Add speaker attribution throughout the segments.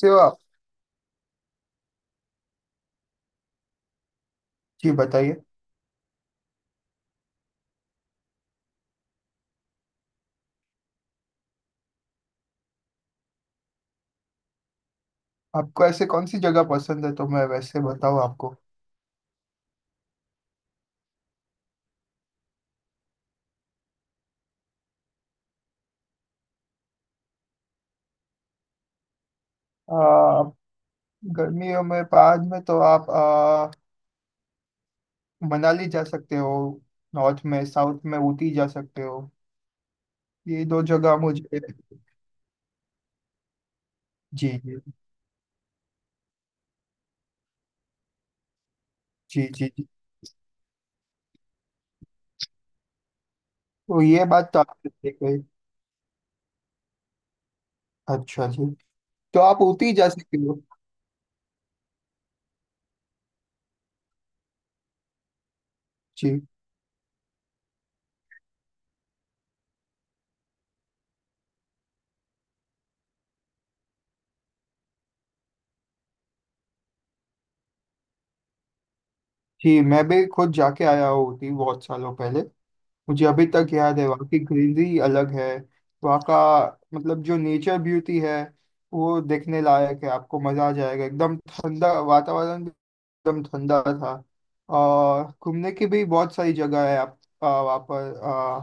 Speaker 1: सेवा। जी बताइए। आपको ऐसे कौन सी जगह पसंद है तो मैं वैसे बताऊँ आपको। आ, गर्मियों में बाद में तो आप मनाली जा सकते हो। नॉर्थ में, साउथ में ऊटी जा सकते हो। ये दो जगह मुझे। जी जी जी जी जी। तो ये बात तो आपने सही कही। अच्छा जी। तो आप ऊटी जा सकते हो। जी जी, मैं भी खुद जाके आया हूँ ऊटी बहुत सालों पहले। मुझे अभी तक याद है, वहाँ की ग्रीनरी अलग है। वहाँ का मतलब जो नेचर ब्यूटी है वो देखने लायक है। आपको मजा आ जाएगा, एकदम ठंडा वातावरण भी। एकदम ठंडा था। और घूमने की भी बहुत सारी जगह है। आप वहाँ पर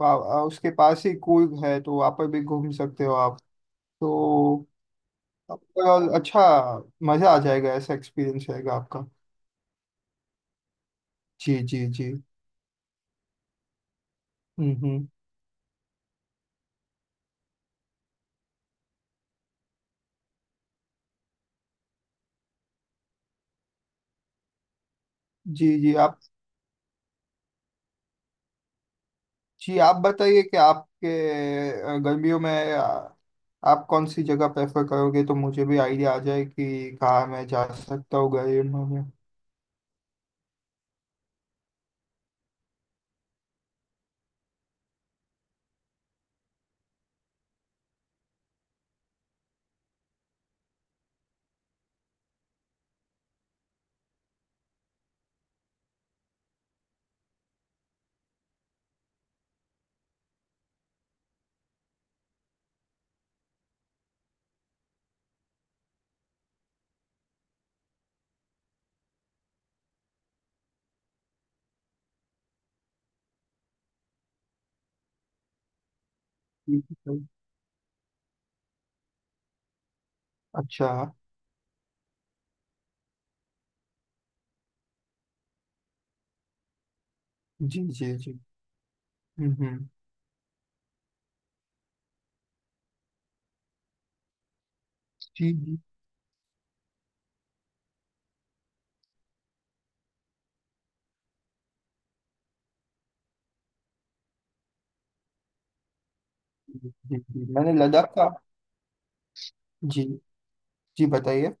Speaker 1: वा- उसके पास ही कूर्ग है, तो वहाँ पर भी घूम सकते हो आप। तो overall अच्छा, मजा आ जाएगा। ऐसा एक्सपीरियंस रहेगा आपका। जी जी जी। हम्म। जी जी आप। जी आप बताइए कि आपके गर्मियों में आप कौन सी जगह प्रेफर करोगे, तो मुझे भी आइडिया आ जाए कि कहाँ मैं जा सकता हूँ गर्मियों में। ठीक है सर। अच्छा जी। जी जी। हम्म। जी जी जी। जी जी। मैंने लद्दाख का। जी। जी बताइए।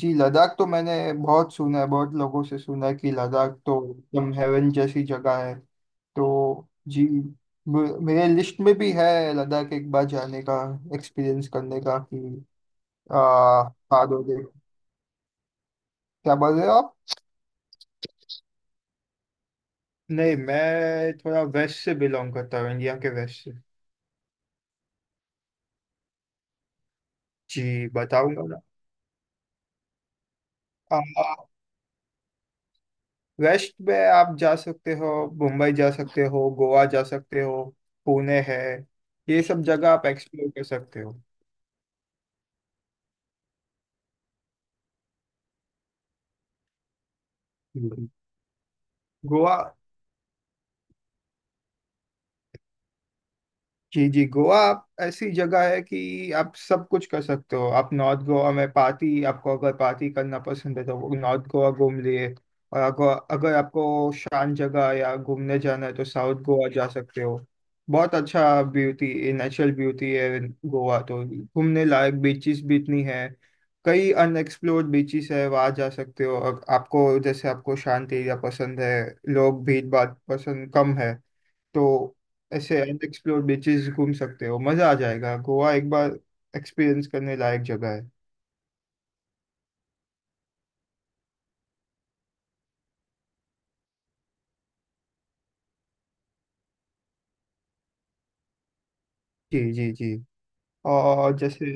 Speaker 1: जी लद्दाख तो मैंने बहुत सुना है, बहुत लोगों से सुना है कि लद्दाख तो एकदम हेवन जैसी जगह है। तो जी, मेरे लिस्ट में भी है लद्दाख एक बार जाने का, एक्सपीरियंस करने का कि आ, पादोगे। क्या बोल रहे हो आप। नहीं, मैं थोड़ा वेस्ट से बिलोंग करता हूँ, इंडिया के वेस्ट से। जी बताऊंगा ना। आ, वेस्ट में आप जा सकते हो, मुंबई जा सकते हो, गोवा जा सकते हो, पुणे है। ये सब जगह आप एक्सप्लोर कर सकते हो। हम्म। गोवा। जी जी, गोवा आप ऐसी जगह है कि आप सब कुछ कर सकते हो। आप नॉर्थ गोवा में पार्टी, आपको अगर पार्टी करना पसंद है तो वो नॉर्थ गोवा घूम लिए। और अगर अगर आपको शांत जगह या घूमने जाना है तो साउथ गोवा जा सकते हो। बहुत अच्छा ब्यूटी, नेचुरल ब्यूटी है। गोवा तो घूमने लायक बीचेस भी इतनी है। कई अनएक्सप्लोर्ड बीचेस है वहाँ, जा सकते हो। और आपको जैसे, आपको शांत एरिया पसंद है, लोग भीड़ भाड़ पसंद कम है, तो ऐसे अनएक्सप्लोर्ड बीचेस घूम सकते हो, मज़ा आ जाएगा। गोवा एक बार एक्सपीरियंस करने लायक जगह है। जी जी जी। और जैसे,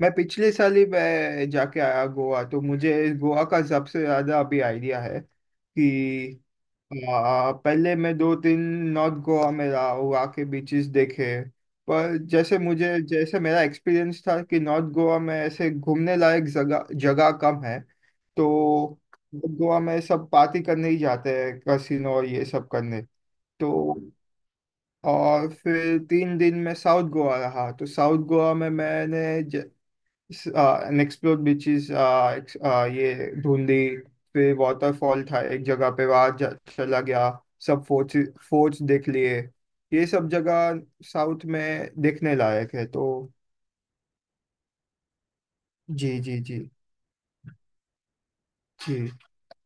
Speaker 1: मैं पिछले साल ही मैं जाके आया गोवा, तो मुझे गोवा का सबसे ज्यादा अभी आइडिया है कि पहले मैं दो दिन नॉर्थ गोवा में रहा, गोवा के बीचेस देखे। पर जैसे मुझे जैसे मेरा एक्सपीरियंस था कि नॉर्थ गोवा में ऐसे घूमने लायक जगह जगह कम है। तो नॉर्थ गोवा में सब पार्टी करने ही जाते हैं, कैसीनो और ये सब करने। तो और फिर तीन दिन मैं साउथ गोवा रहा, तो साउथ गोवा में मैंने एक्सप्लोर्ड बीचेस, ये धुंधी, फिर वाटरफॉल था एक जगह पे वहाँ चला गया। सब फोर्ट्स, फोर्ट्स देख लिए। ये सब जगह साउथ में देखने लायक है। तो जी जी जी जी।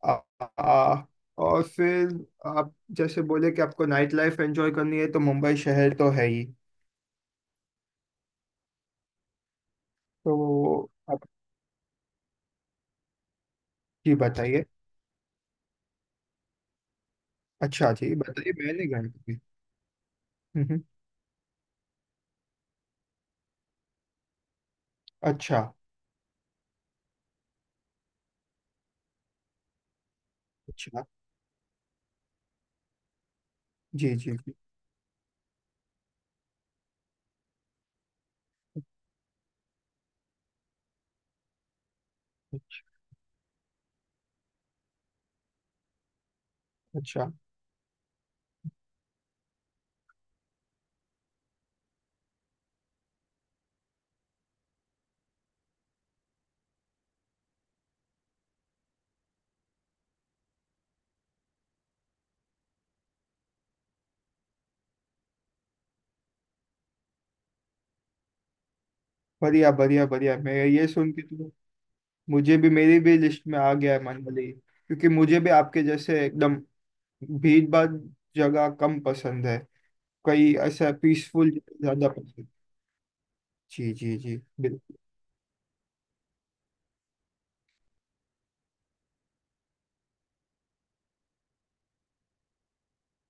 Speaker 1: आ, आ, और फिर आप जैसे बोले कि आपको नाइट लाइफ एंजॉय करनी है, तो मुंबई शहर तो है ही। तो आप। जी बताइए। अच्छा जी बताइए, मैंने गए कभी। हम्म। अच्छा। अच्छा। जी जी जी। अच्छा। बढ़िया बढ़िया बढ़िया, मैं ये सुन के तो मुझे भी, मेरी भी लिस्ट में आ गया है मनाली, क्योंकि मुझे भी आपके जैसे एकदम भीड़ भाड़ जगह कम पसंद है, कई ऐसा पीसफुल ज्यादा पसंद। जी जी जी, बिल्कुल।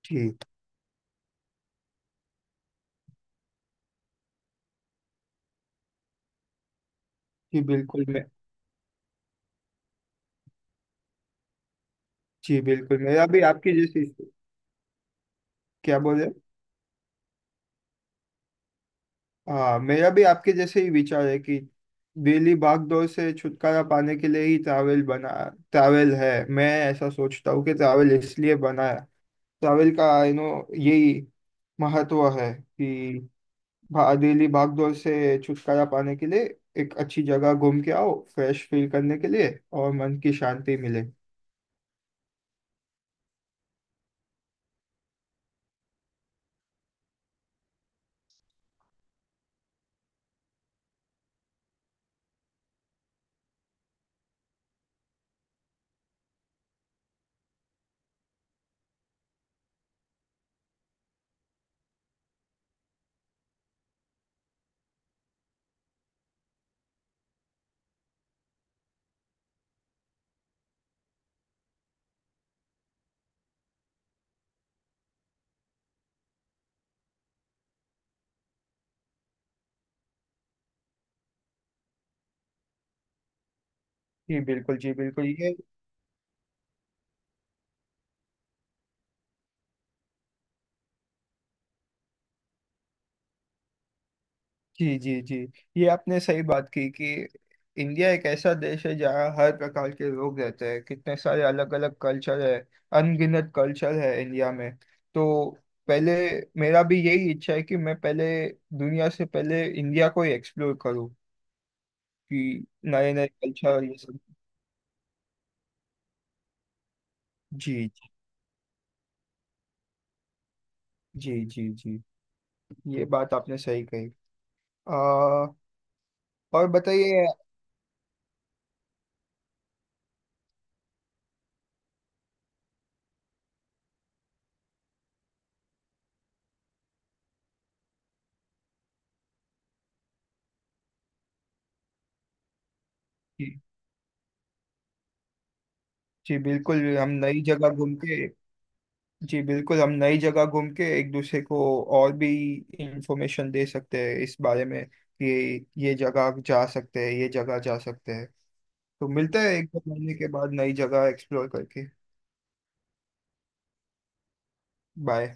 Speaker 1: जी जी बिल्कुल, मैं। जी बिल्कुल, मेरा भी आपके जैसे। क्या बोले। हाँ, मेरा भी आपके जैसे ही विचार है कि डेली भाग दौड़ से छुटकारा पाने के लिए ही ट्रैवल बना। ट्रैवल है, मैं ऐसा सोचता हूँ कि ट्रैवल इसलिए बना है। ट्रैवल का यही महत्व है कि डेली भागदौड़ से छुटकारा पाने के लिए एक अच्छी जगह घूम के आओ, फ्रेश फील करने के लिए, और मन की शांति मिले। जी बिल्कुल। जी बिल्कुल ये। जी जी जी। ये आपने सही बात की कि इंडिया एक ऐसा देश है जहाँ हर प्रकार के लोग रहते हैं, कितने सारे अलग अलग कल्चर है, अनगिनत कल्चर है इंडिया में। तो पहले, मेरा भी यही इच्छा है कि मैं पहले, दुनिया से पहले इंडिया को ही एक्सप्लोर करूँ, कि नए नए कल्चर और ये सब। जी जी जी जी। ये बात आपने सही कही। आ, और बताइए। जी जी बिल्कुल हम नई जगह घूम के। जी बिल्कुल, हम नई जगह घूम के एक दूसरे को और भी इंफॉर्मेशन दे सकते हैं इस बारे में कि ये जगह जा सकते हैं, ये जगह जा सकते हैं। तो मिलते हैं एक दो महीने के बाद नई जगह एक्सप्लोर करके। बाय।